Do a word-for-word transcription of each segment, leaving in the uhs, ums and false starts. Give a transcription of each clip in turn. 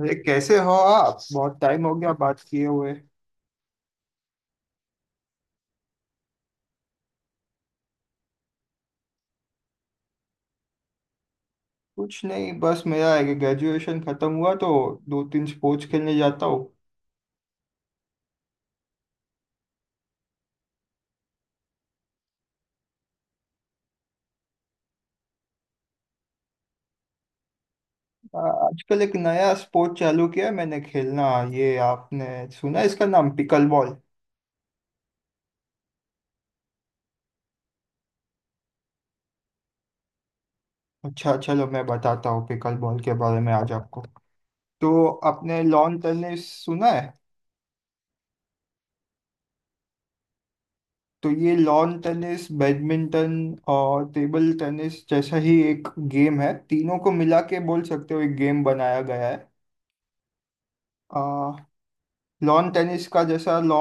अरे, कैसे हो आप? बहुत टाइम हो गया बात किए हुए। कुछ नहीं, बस मेरा ग्रेजुएशन खत्म हुआ तो दो तीन स्पोर्ट्स खेलने जाता हूँ। आ- आजकल एक नया स्पोर्ट चालू किया है मैंने खेलना। ये आपने सुना है, इसका नाम पिकल बॉल। अच्छा, चलो मैं बताता हूँ पिकल बॉल के बारे में आज आपको। तो आपने लॉन टेनिस सुना है? तो ये लॉन टेनिस, बैडमिंटन और टेबल टेनिस जैसा ही एक गेम है। तीनों को मिला के बोल सकते हो, एक गेम बनाया गया है। लॉन टेनिस का जैसा लॉ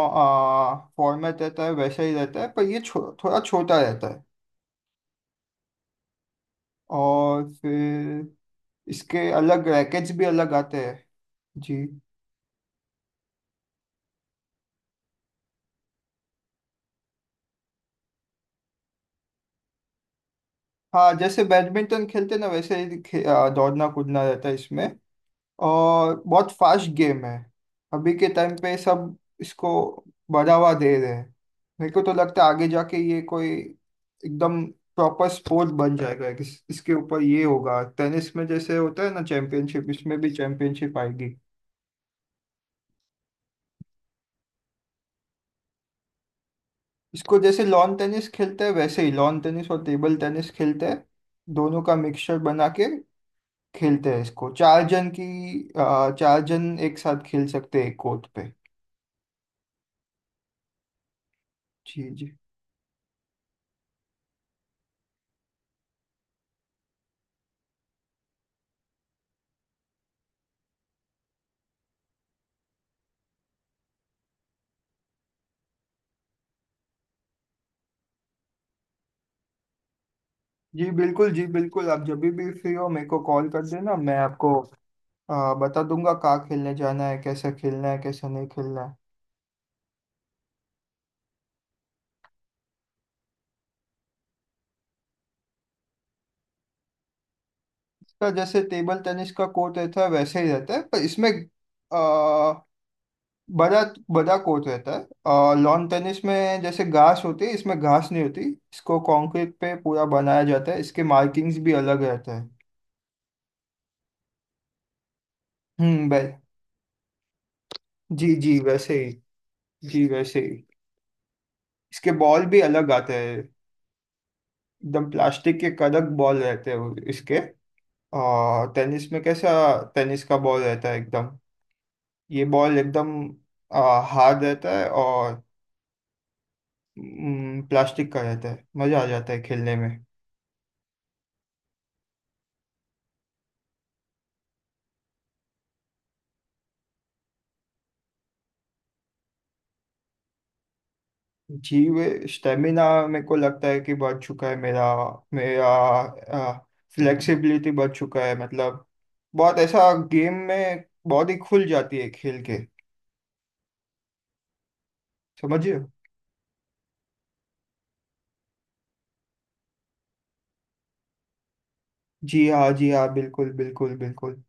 फॉर्मेट रहता है वैसा ही रहता है, पर ये छो, थोड़ा छोटा रहता है। और फिर इसके अलग रैकेट्स भी अलग आते हैं। जी। हाँ, जैसे बैडमिंटन खेलते ना वैसे ही खे- आ, दौड़ना कूदना रहता है इसमें। और बहुत फास्ट गेम है। अभी के टाइम पे सब इसको बढ़ावा दे रहे हैं। मेरे को तो लगता है आगे जाके ये कोई एकदम प्रॉपर स्पोर्ट बन जाएगा। इस, इसके ऊपर ये होगा, टेनिस में जैसे होता है ना चैंपियनशिप, इसमें भी चैंपियनशिप आएगी। इसको जैसे लॉन टेनिस खेलते हैं वैसे ही लॉन टेनिस और टेबल टेनिस खेलते हैं, दोनों का मिक्सचर बना के। खेलते हैं इसको चार जन की अ, चार जन एक साथ खेल सकते हैं एक कोर्ट पे। जी जी। जी बिल्कुल, जी बिल्कुल। आप जब भी फ्री हो मेरे को कॉल कर देना, मैं आपको आ, बता दूंगा कहाँ खेलने जाना है, कैसे खेलना है, कैसे नहीं खेलना है। इसका जैसे टेबल टेनिस का कोर्ट रहता है वैसे ही रहता है, पर इसमें आ, बड़ा बड़ा कोर्ट रहता है। और लॉन टेनिस में जैसे घास होती है, इसमें घास नहीं होती। इसको कंक्रीट पे पूरा बनाया जाता है। इसके मार्किंग्स भी अलग रहते हैं। हम्म। बै जी जी वैसे ही। जी वैसे ही। इसके बॉल भी अलग आते हैं। एकदम प्लास्टिक के कड़क बॉल रहते हैं वो इसके। आ, टेनिस में कैसा टेनिस का बॉल रहता है एकदम, ये बॉल एकदम आ, हार्ड रहता है और हम्म, प्लास्टिक का रहता है। मज़ा आ जाता है खेलने में। जी, वे स्टेमिना मेरे को लगता है कि बढ़ चुका है। मेरा मेरा आ, फ्लेक्सिबिलिटी बढ़ चुका है, मतलब बहुत ऐसा गेम में बॉडी खुल जाती है खेल के। समझिए। जी हाँ, जी हाँ, बिल्कुल बिल्कुल बिल्कुल।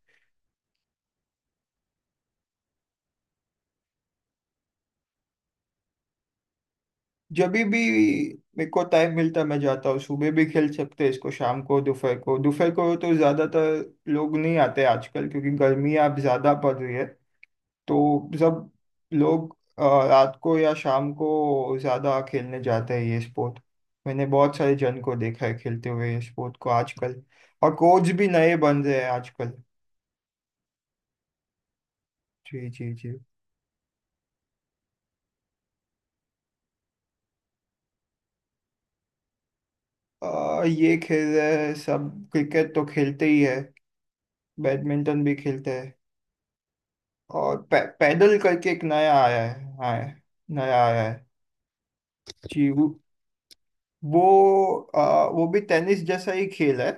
जब भी मेरे को टाइम मिलता है, मैं जाता हूँ। सुबह भी खेल सकते हैं इसको, शाम को, दोपहर को। दोपहर को तो ज़्यादातर लोग नहीं आते आजकल क्योंकि गर्मी अब ज़्यादा पड़ रही है। तो सब लोग अ, रात को या शाम को ज़्यादा खेलने जाते हैं ये स्पोर्ट। मैंने बहुत सारे जन को देखा है खेलते हुए ये स्पोर्ट को आजकल। और कोच भी नए बन रहे हैं आजकल। जी जी जी। अ, ये खेल रहे हैं सब। क्रिकेट तो खेलते ही है, बैडमिंटन भी खेलते हैं। और पै, पैदल करके एक नया आया है। हाँ, नया आया है। जी, वो वो आ, वो भी टेनिस जैसा ही खेल है।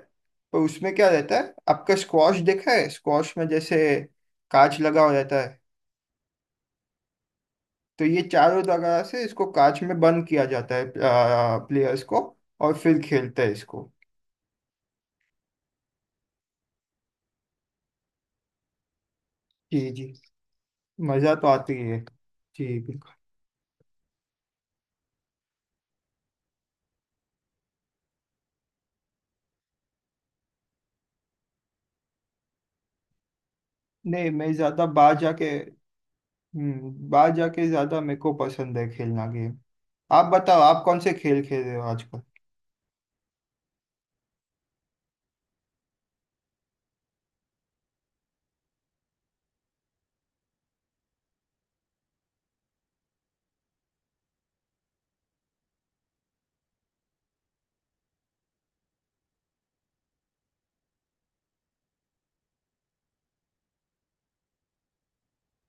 पर उसमें क्या रहता है, आपका स्क्वॉश देखा है? स्क्वॉश में जैसे कांच लगा हो जाता है। तो ये चारों जगह से इसको कांच में बंद किया जाता है, प्लेयर्स को। और फिर खेलते हैं इसको। जी जी। मज़ा तो आती है। जी बिल्कुल। नहीं, मैं ज़्यादा बाहर जाके। हम्म बाहर जाके ज्यादा मेरे को पसंद है खेलना गेम। आप बताओ, आप कौन से खेल खेल रहे हो आजकल?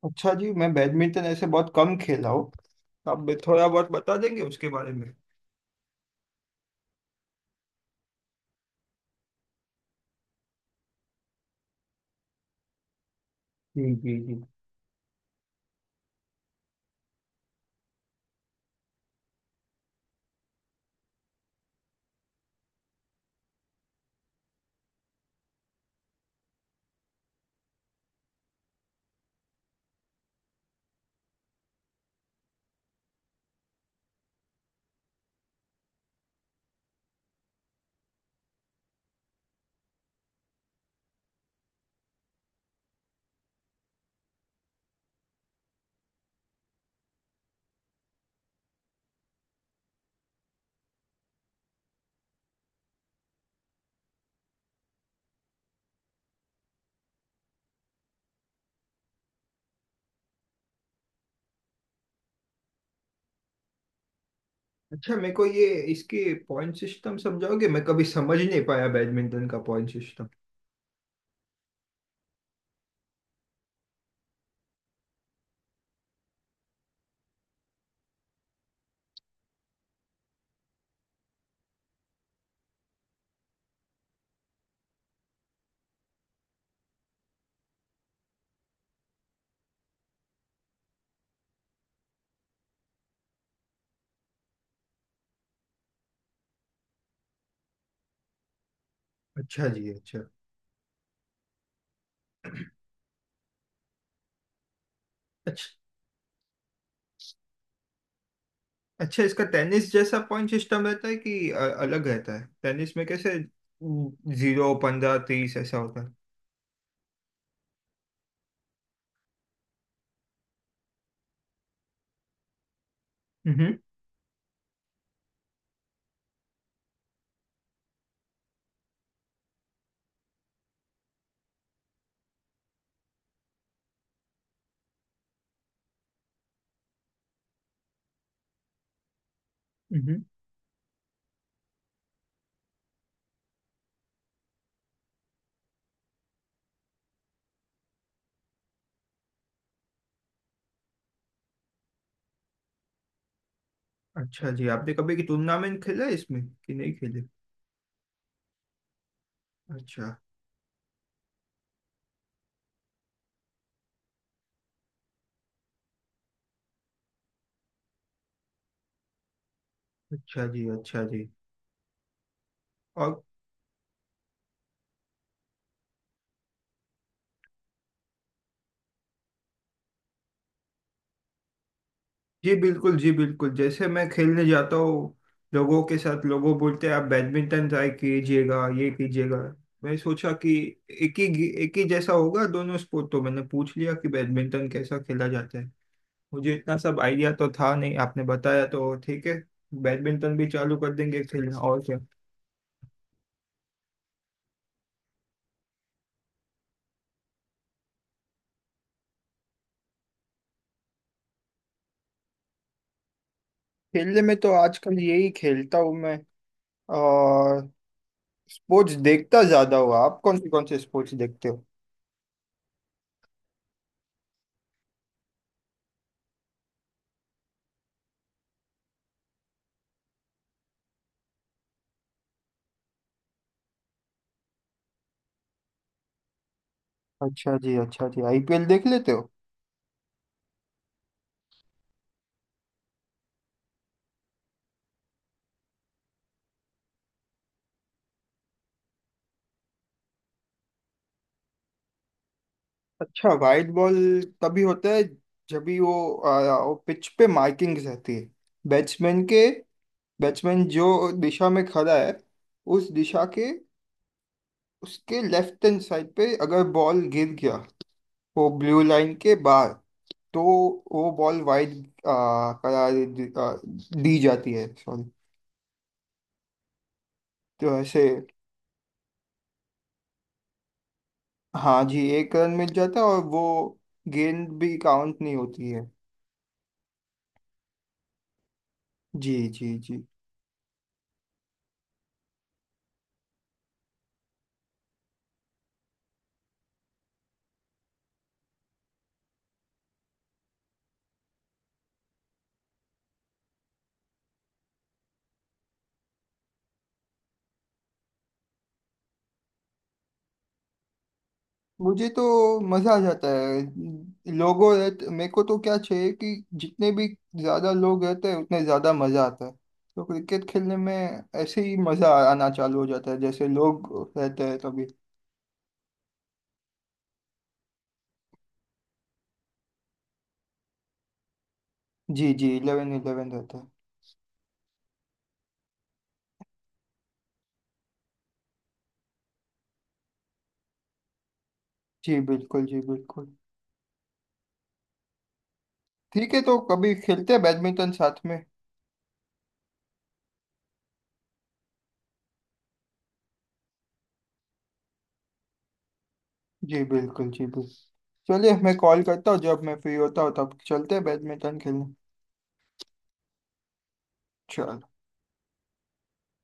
अच्छा जी, मैं बैडमिंटन ऐसे बहुत कम खेला हूँ। आप भी थोड़ा बहुत बता देंगे उसके बारे में। जी जी जी। अच्छा, मेरे को ये इसके पॉइंट सिस्टम समझाओगे? मैं कभी समझ नहीं पाया बैडमिंटन का पॉइंट सिस्टम। अच्छा जी, अच्छा अच्छा अच्छा। इसका टेनिस जैसा पॉइंट सिस्टम रहता है कि अ- अलग रहता है? टेनिस में कैसे जीरो पंद्रह तीस ऐसा होता है? हम्म। अच्छा जी, आपने कभी की टूर्नामेंट खेला है इसमें कि नहीं खेले? अच्छा, अच्छा जी, अच्छा जी, और। जी बिल्कुल, जी बिल्कुल। जैसे मैं खेलने जाता हूँ लोगों के साथ, लोगों बोलते हैं आप बैडमिंटन ट्राई कीजिएगा, ये कीजिएगा। मैं सोचा कि एक ही एक ही जैसा होगा दोनों स्पोर्ट, तो मैंने पूछ लिया कि बैडमिंटन कैसा खेला जाता है। मुझे इतना सब आइडिया तो था नहीं, आपने बताया तो ठीक है। बैडमिंटन भी चालू कर देंगे खेलना, और क्या। खेलने में तो आजकल यही खेलता हूँ मैं। स्पोर्ट्स देखता ज्यादा हो आप, कौन से कौन से स्पोर्ट्स देखते हो? अच्छा जी, अच्छा जी, आई पी एल देख लेते हो? अच्छा, वाइड बॉल तभी होता है जब भी वो, आ, वो पिच पे मार्किंग्स रहती है। बैट्समैन के बैट्समैन जो दिशा में खड़ा है, उस दिशा के, उसके लेफ्ट हैंड साइड पे अगर बॉल गिर गया, वो ब्लू लाइन के बाहर, तो वो बॉल वाइड आ, करार दी, आ, दी जाती है सॉरी। तो ऐसे। हाँ जी, एक रन मिल जाता है और वो गेंद भी काउंट नहीं होती है। जी जी जी। मुझे तो मज़ा आ जाता है लोगों रहते। मेरे को तो क्या चाहिए कि जितने भी ज़्यादा लोग रहते हैं उतने ज़्यादा मज़ा आता है। तो क्रिकेट खेलने में ऐसे ही मज़ा आना चालू हो जाता है जैसे लोग रहते हैं तभी। जी जी, इलेवन इलेवन रहता है। जी बिल्कुल, जी बिल्कुल। ठीक है, तो कभी खेलते हैं बैडमिंटन साथ में। जी बिल्कुल, जी बिल्कुल। चलिए, मैं कॉल करता हूँ जब मैं फ्री होता हूँ तब चलते हैं बैडमिंटन खेलने। चलो।